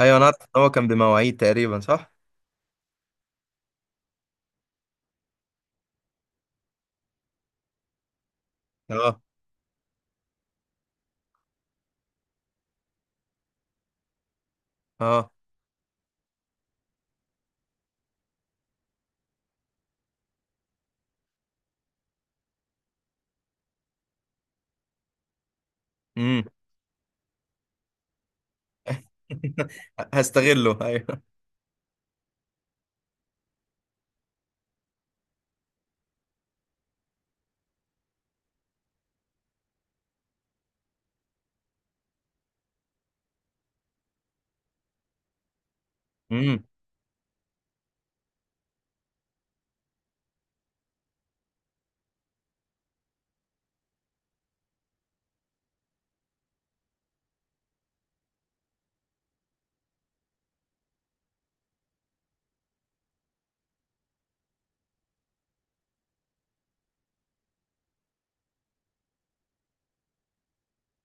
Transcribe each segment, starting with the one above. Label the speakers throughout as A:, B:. A: ايوه، انا عارف ان هو كان بمواعيد تقريبا صح. اه، اه. امم. هستغله، ايوه. امم،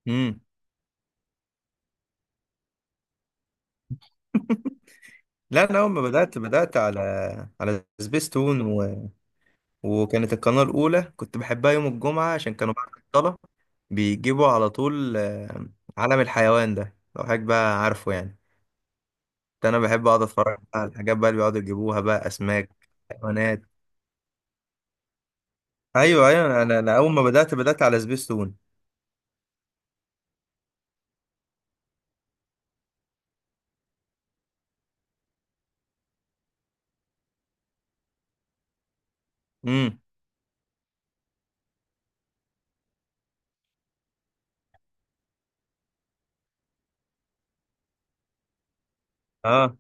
A: امم. لا، انا اول ما بدات على سبيستون وكانت القناه الاولى كنت بحبها يوم الجمعه عشان كانوا بعد الصلاه بيجيبوا على طول عالم الحيوان ده لو حضرتك بقى عارفه يعني. ده انا بحب اقعد اتفرج على الحاجات بقى اللي بيقعدوا يجيبوها بقى اسماك، حيوانات. ايوه، ايوه، انا اول ما بدات على سبيستون. امم. اه.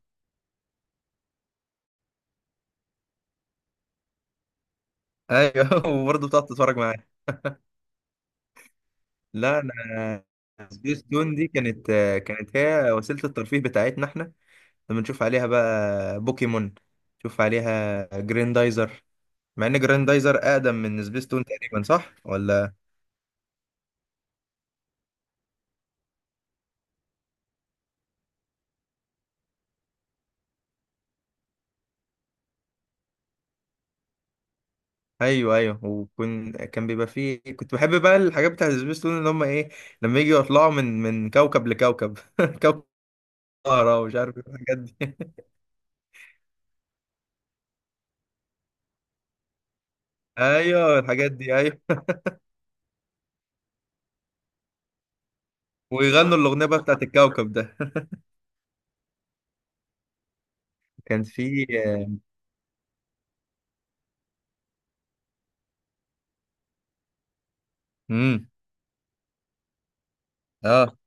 A: ايوه. وبرضه بتقعد تتفرج معايا؟ لا، انا سبيس تون دي كانت هي وسيله الترفيه بتاعتنا احنا. لما نشوف عليها بقى بوكيمون، نشوف عليها جريندايزر. مع ان جريندايزر اقدم من سبيس تون تقريبا صح ولا؟ ايوه، ايوه، كان بيبقى فيه كنت بحب بقى الحاجات بتاعت سبيس تون اللي هم ايه، لما يجوا يطلعوا من كوكب لكوكب كوكب زهرة ومش عارف إيه الحاجات دي. ايوه الحاجات دي، ايوه. ويغنوا الاغنيه بقى بتاعت الكوكب ده. كان في. امم. اه.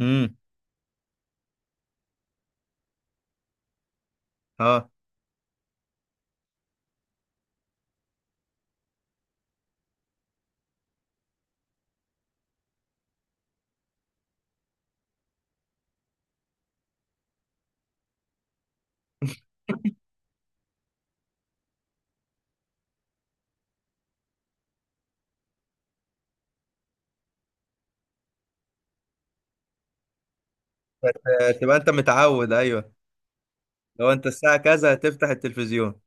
A: امم. اه. تبقى انت متعود، ايوه. لو انت الساعه كذا هتفتح التلفزيون.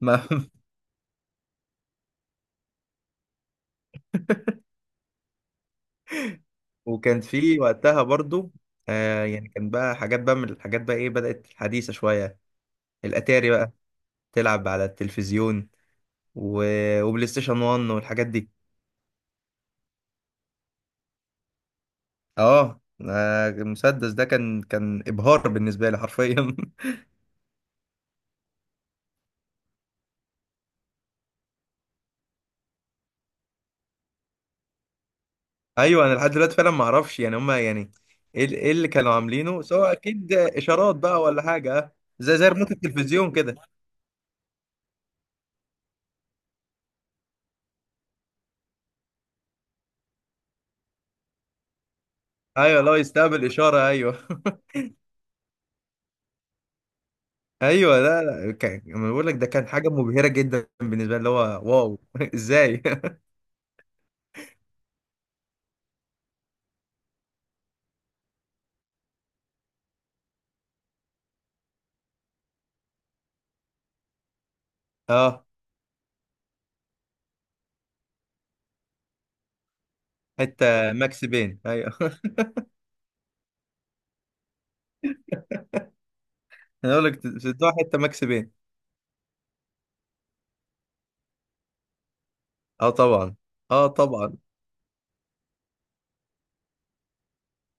A: ما- وكان في وقتها برضو يعني كان بقى حاجات بقى من الحاجات بقى ايه، بدأت حديثة شوية. الاتاري بقى، تلعب على التلفزيون و... وبلاي ستيشن 1 والحاجات دي. اه. المسدس ده كان ابهار بالنسبه لي حرفيا. ايوه، انا لحد دلوقتي فعلا ما اعرفش يعني هما يعني ايه إيه اللي كانوا عاملينه؟ سواء اكيد اشارات بقى ولا حاجه. زي ريموت التلفزيون كده. ايوه، لو يستقبل اشاره، ايوه. ايوه، لا، لا، كان انا بقول لك ده كان حاجه مبهره جدا بالنسبه لي اللي هو، واو. ازاي؟ اه. حته ماكس بين، ايوه. انا اقول لك سدوها حته ماكس بين. اه، طبعا. اه، طبعا.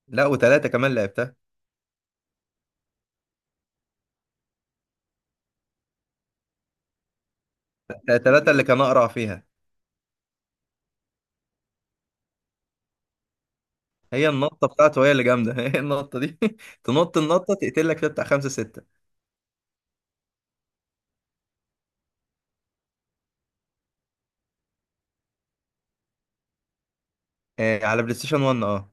A: لا، وثلاثه كمان لعبتها. ثلاثه اللي كان اقرع فيها. هي النطه بتاعته هي اللي جامده. هي النطه دي. تنط النطه تقتل لك فيها بتاع خمسه سته. آه، على بلاي ستيشن 1. اه.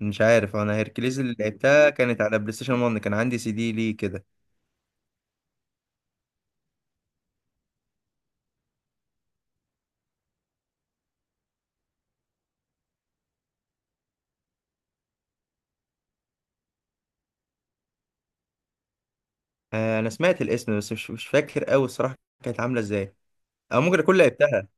A: مش عارف، انا هيركليز اللي لعبتها كانت على بلاي ستيشن 1. كان عندي سي دي ليه كده. انا سمعت الاسم بس مش فاكر قوي الصراحه. كانت عامله ازاي؟ او ممكن اكون لعبتها.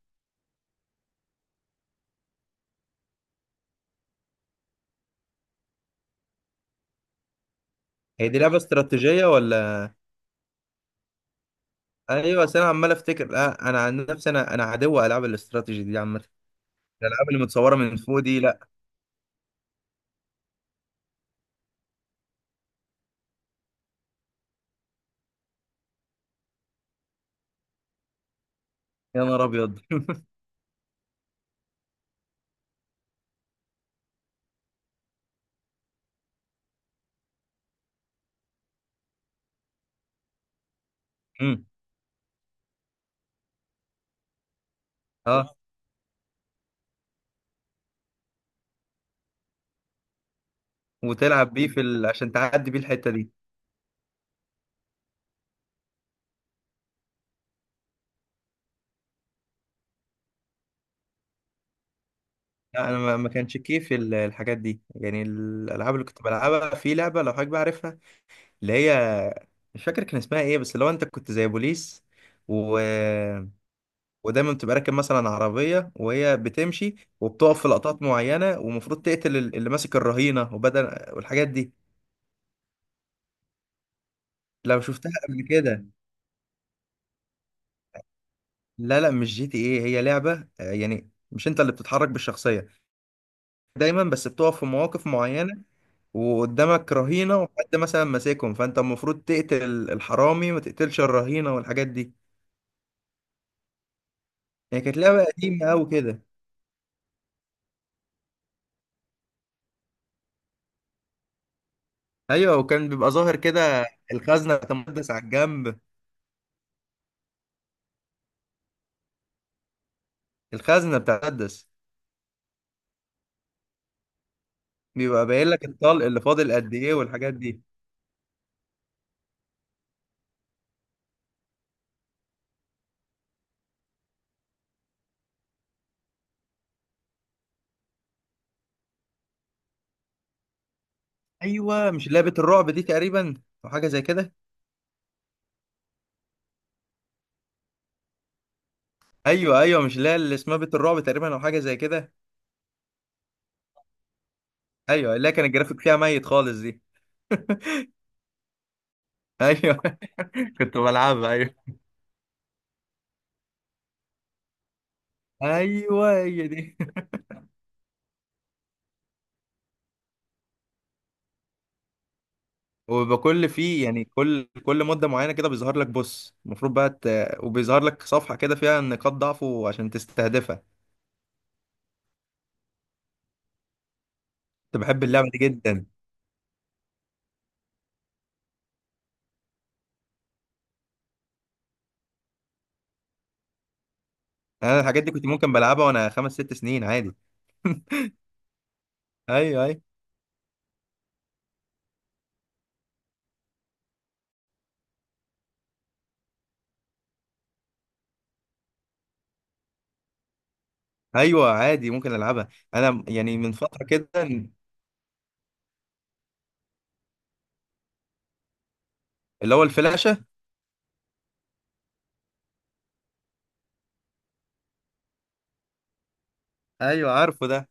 A: هي دي لعبه استراتيجيه ولا؟ ايوه، بس انا عمال افتكر. انا عن نفسي، انا عدو العاب الاستراتيجي دي عامه. الالعاب اللي متصوره من فوق دي، لا. يا نهار ابيض. أمم. اه، وتلعب بيه في عشان تعدي بيه الحته دي. لا، انا ما كانش كيف الحاجات دي، يعني الالعاب اللي كنت بلعبها، في لعبه لو حضرتك بقى عارفها، اللي هي مش فاكر كان اسمها ايه، بس اللي هو انت كنت زي بوليس و... ودايما بتبقى راكب مثلا عربية وهي بتمشي، وبتقف في لقطات معينة ومفروض تقتل اللي ماسك الرهينة، وبدل والحاجات دي. لو شفتها قبل كده. لا، لا، مش جي تي ايه، هي لعبة يعني مش انت اللي بتتحرك بالشخصية، دايما بس بتقف في مواقف معينة، وقدامك رهينة وحد مثلا ماسكهم، فانت المفروض تقتل الحرامي وما تقتلش الرهينة والحاجات دي. هي كانت لعبة قديمة أوي كده. ايوه، وكان بيبقى ظاهر كده الخزنة بتاع مسدس على الجنب. الخزنة بتاع مسدس. بيبقى باين لك الطلق اللي فاضل قد ايه والحاجات دي. ايوه، مش اللي هي بيت الرعب دي تقريبا، او حاجه زي كده. ايوه، ايوه، مش اللي هي اللي اسمها بيت الرعب تقريبا، او حاجه زي كده. ايوه، اللي هي كان الجرافيك فيها ميت خالص دي. ايوه. كنت بلعبها، ايوه. ايوه هي دي. وبيبقى كل فيه يعني، كل مده معينه كده بيظهر لك، بص المفروض بقى وبيظهر لك صفحه كده فيها نقاط ضعفه عشان تستهدفها. كنت بحب اللعبه دي جدا. انا الحاجات دي كنت ممكن بلعبها وانا 5 6 سنين عادي. ايوه، ايوه، عادي ممكن العبها. انا يعني من فتره كده، اللي هو الفلاشه. ايوه، عارفه ده.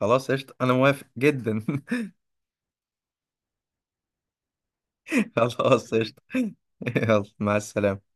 A: خلاص، قشطه، انا موافق جدا. خلاص، قشطه. يلا، مع السلامه.